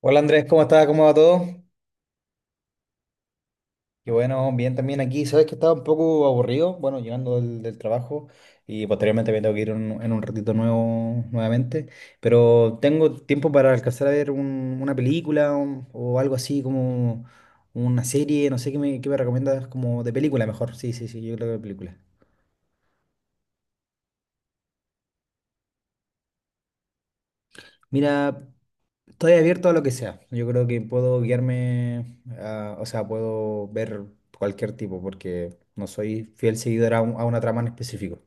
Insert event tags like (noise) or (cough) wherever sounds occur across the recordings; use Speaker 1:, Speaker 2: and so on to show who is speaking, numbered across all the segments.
Speaker 1: Hola Andrés, ¿cómo estás? ¿Cómo va todo? Y bueno, bien también aquí. Sabes que estaba un poco aburrido, bueno, llegando del trabajo y posteriormente me tengo que ir en un ratito nuevo nuevamente, pero tengo tiempo para alcanzar a ver una película o algo así como una serie, no sé qué me recomiendas como de película mejor. Sí, sí, sí, yo creo que de película. Mira, estoy abierto a lo que sea. Yo creo que puedo guiarme, o sea, puedo ver cualquier tipo porque no soy fiel seguidor a una trama en específico.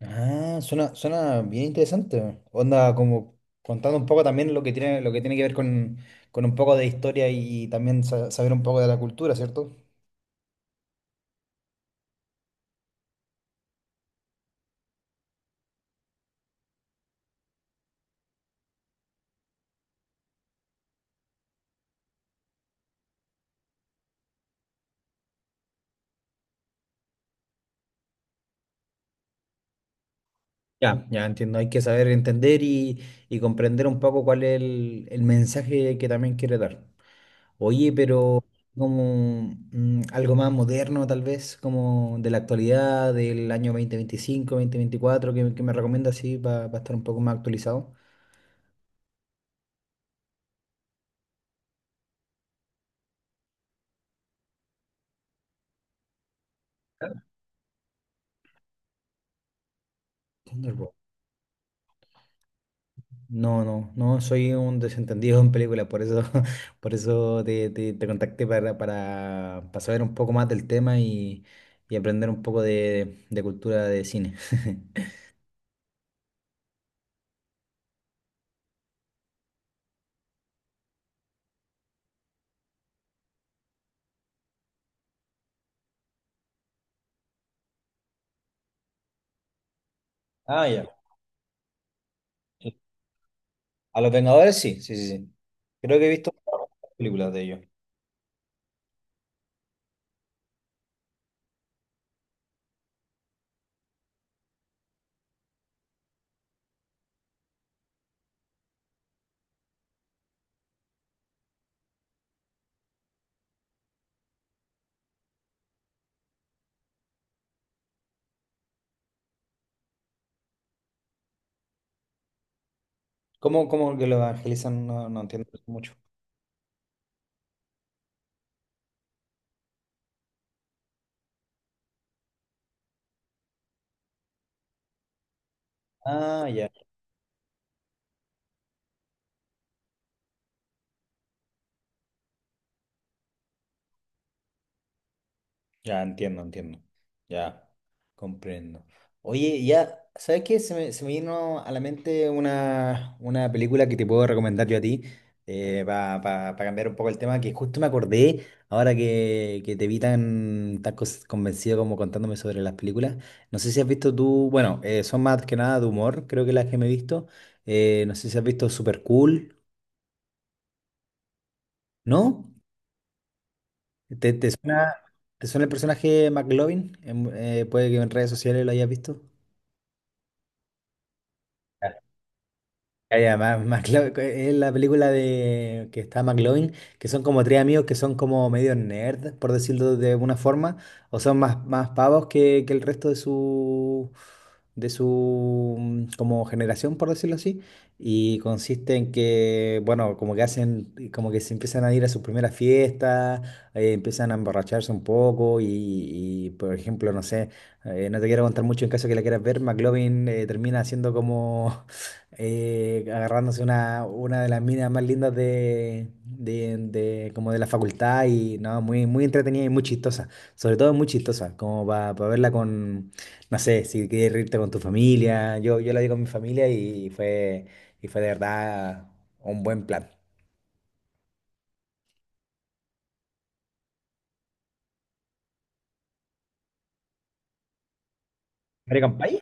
Speaker 1: Ah, suena, suena bien interesante. Onda, como contando un poco también lo que tiene que ver con un poco de historia y también saber un poco de la cultura, ¿cierto? Ya, ya entiendo. Hay que saber entender y comprender un poco cuál es el mensaje que también quiere dar. Oye, pero como algo más moderno, tal vez, como de la actualidad, del año 2025, veinticuatro, que me recomienda así para estar un poco más actualizado. Thunderbolt. No, no, no, soy un desentendido en películas, por eso, (laughs) por eso te contacté para saber un poco más del tema y aprender un poco de cultura de cine. (laughs) Ah, ya. Sí. A los Vengadores sí, sí, sí, sí. Creo que he visto películas de ellos. ¿Cómo, cómo que lo evangelizan? No, no entiendo mucho. Ah, ya. Ya entiendo, entiendo. Ya comprendo. Oye, ya, ¿sabes qué? Se me vino a la mente una película que te puedo recomendar yo a ti para cambiar un poco el tema, que justo me acordé ahora que te vi tan, convencido como contándome sobre las películas. No sé si has visto tú, bueno, son más que nada de humor, creo que las que me he visto. No sé si has visto Super Cool, ¿no? ¿Te, te suena, te suena el personaje McLovin? Puede que en redes sociales lo hayas visto. Ah, ya, es la película de que está McLovin, que son como tres amigos que son como medio nerd, por decirlo de alguna forma, o son más, más pavos que el resto de su como generación, por decirlo así. Y consiste en que, bueno, como que hacen, como que se empiezan a ir a sus primeras fiestas, empiezan a emborracharse un poco, y, por ejemplo, no sé, no te quiero contar mucho en caso que la quieras ver, McLovin termina siendo como agarrándose una de las minas más lindas como de la facultad y no, muy, muy entretenida y muy chistosa, sobre todo muy chistosa, como para verla con, no sé, si quieres reírte con tu familia, yo la vi con mi familia y fue de verdad un buen plan. American Pie,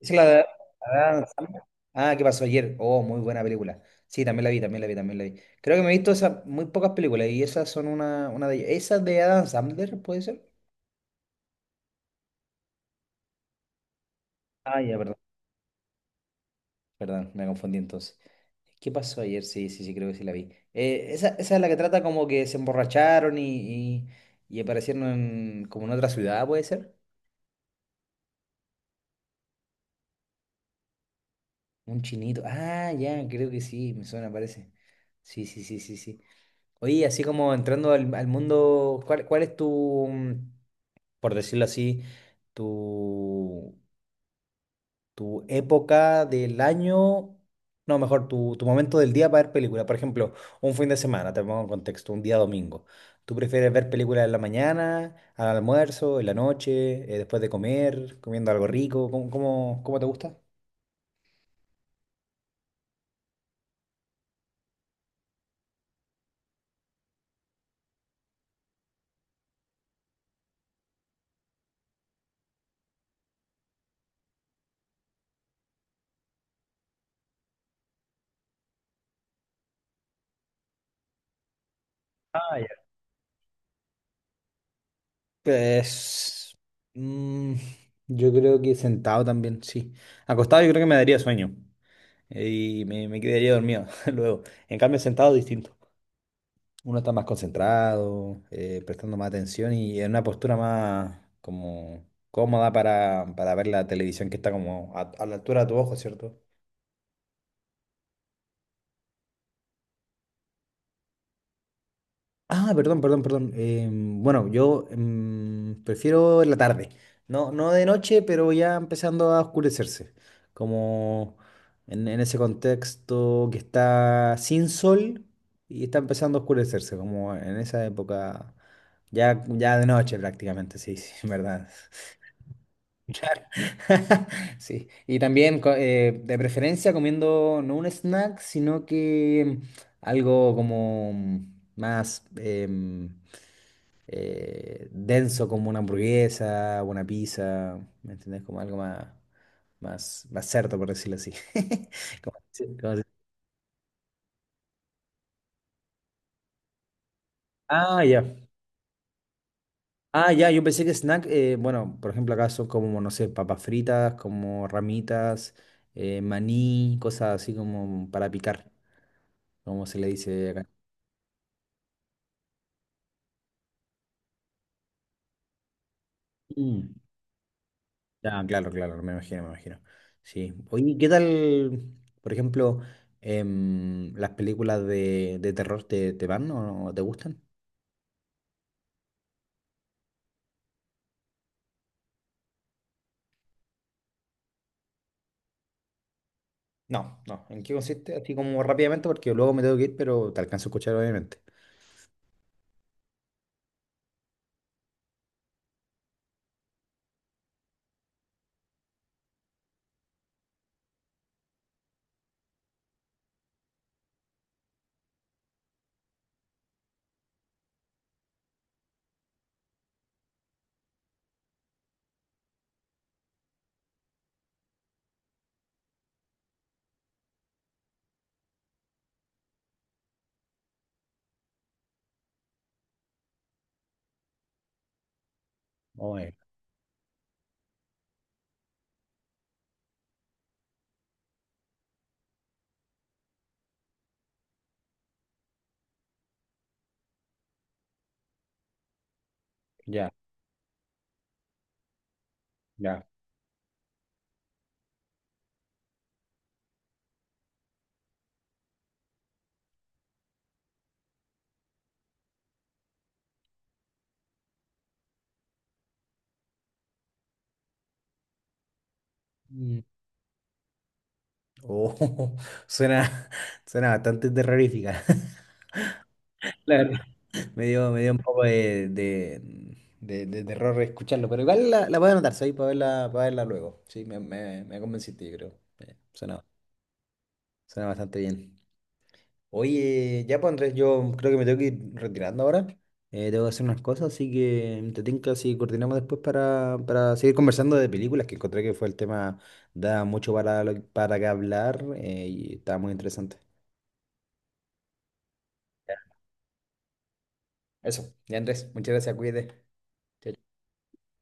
Speaker 1: ¿es la de Adam Sandler? Ah, ¿qué pasó ayer? Oh, muy buena película. Sí, también la vi, también la vi, también la vi. Creo que me he visto esas muy pocas películas y esas son una de ellas. ¿Esas de Adam Sandler, puede ser? Ah, ya, perdón, perdón, me confundí entonces. ¿Qué pasó ayer? Sí, sí, sí, creo que sí la vi. Esa, esa es la que trata como que se emborracharon y aparecieron como en otra ciudad, ¿puede ser? Un chinito. Ah, ya, creo que sí, me suena, parece. Sí, sí, sí, sí, sí. Oye, así como entrando al, al mundo, ¿cuál, cuál es tu, por decirlo así, tu tu época del año, no, mejor, tu momento del día para ver películas? Por ejemplo, un fin de semana, te pongo en contexto, un día domingo. ¿Tú prefieres ver películas en la mañana, al almuerzo, en la noche, después de comer, comiendo algo rico? ¿Cómo, cómo, cómo te gusta? Ah, ya. Pues, mm, yo creo que sentado también, sí. Acostado yo creo que me daría sueño y me quedaría dormido (laughs) luego. En cambio, sentado distinto. Uno está más concentrado, prestando más atención y en una postura más como cómoda para ver la televisión que está como a la altura de tu ojo, ¿cierto? Ah, perdón, perdón, perdón. Bueno, yo prefiero en la tarde. No, no de noche, pero ya empezando a oscurecerse. Como en ese contexto que está sin sol y está empezando a oscurecerse, como en esa época, ya, ya de noche prácticamente, sí, sí, en verdad. (laughs) (laughs) Sí, y también de preferencia comiendo no un snack, sino que algo como más denso, como una hamburguesa, una pizza, ¿me entendés? Como algo más, más, más cerdo, por decirlo así. (laughs) Como- sí, como- ah, ya. Ah, ya, yo pensé que snack, bueno, por ejemplo, acá son como, no sé, papas fritas, como ramitas, maní, cosas así como para picar, como se le dice. Mm. Ah, claro, claro, me imagino, me imagino. Sí. Oye, ¿qué tal, por ejemplo, las películas de terror te, te van o no te gustan? No, no. ¿En qué consiste? Así como rápidamente, porque luego me tengo que ir, pero te alcanzo a escuchar, obviamente. Oye, ya, ya. Mm. Oh, (laughs) suena, suena bastante terrorífica. (laughs) La me dio, me dio un poco de, de terror escucharlo, pero igual la, la voy a anotar, ¿sabes? Para verla luego. Sí, me convenciste, yo creo. Suena, suena bastante bien. Oye, ya pues Andrés, yo creo que me tengo que ir retirando ahora. Tengo que hacer unas cosas, así que te tinca si coordinamos después para seguir conversando de películas, que encontré que fue el tema, da mucho para, para que hablar y estaba muy interesante. Ya, eso, ya Andrés, muchas gracias, cuídate. Chao,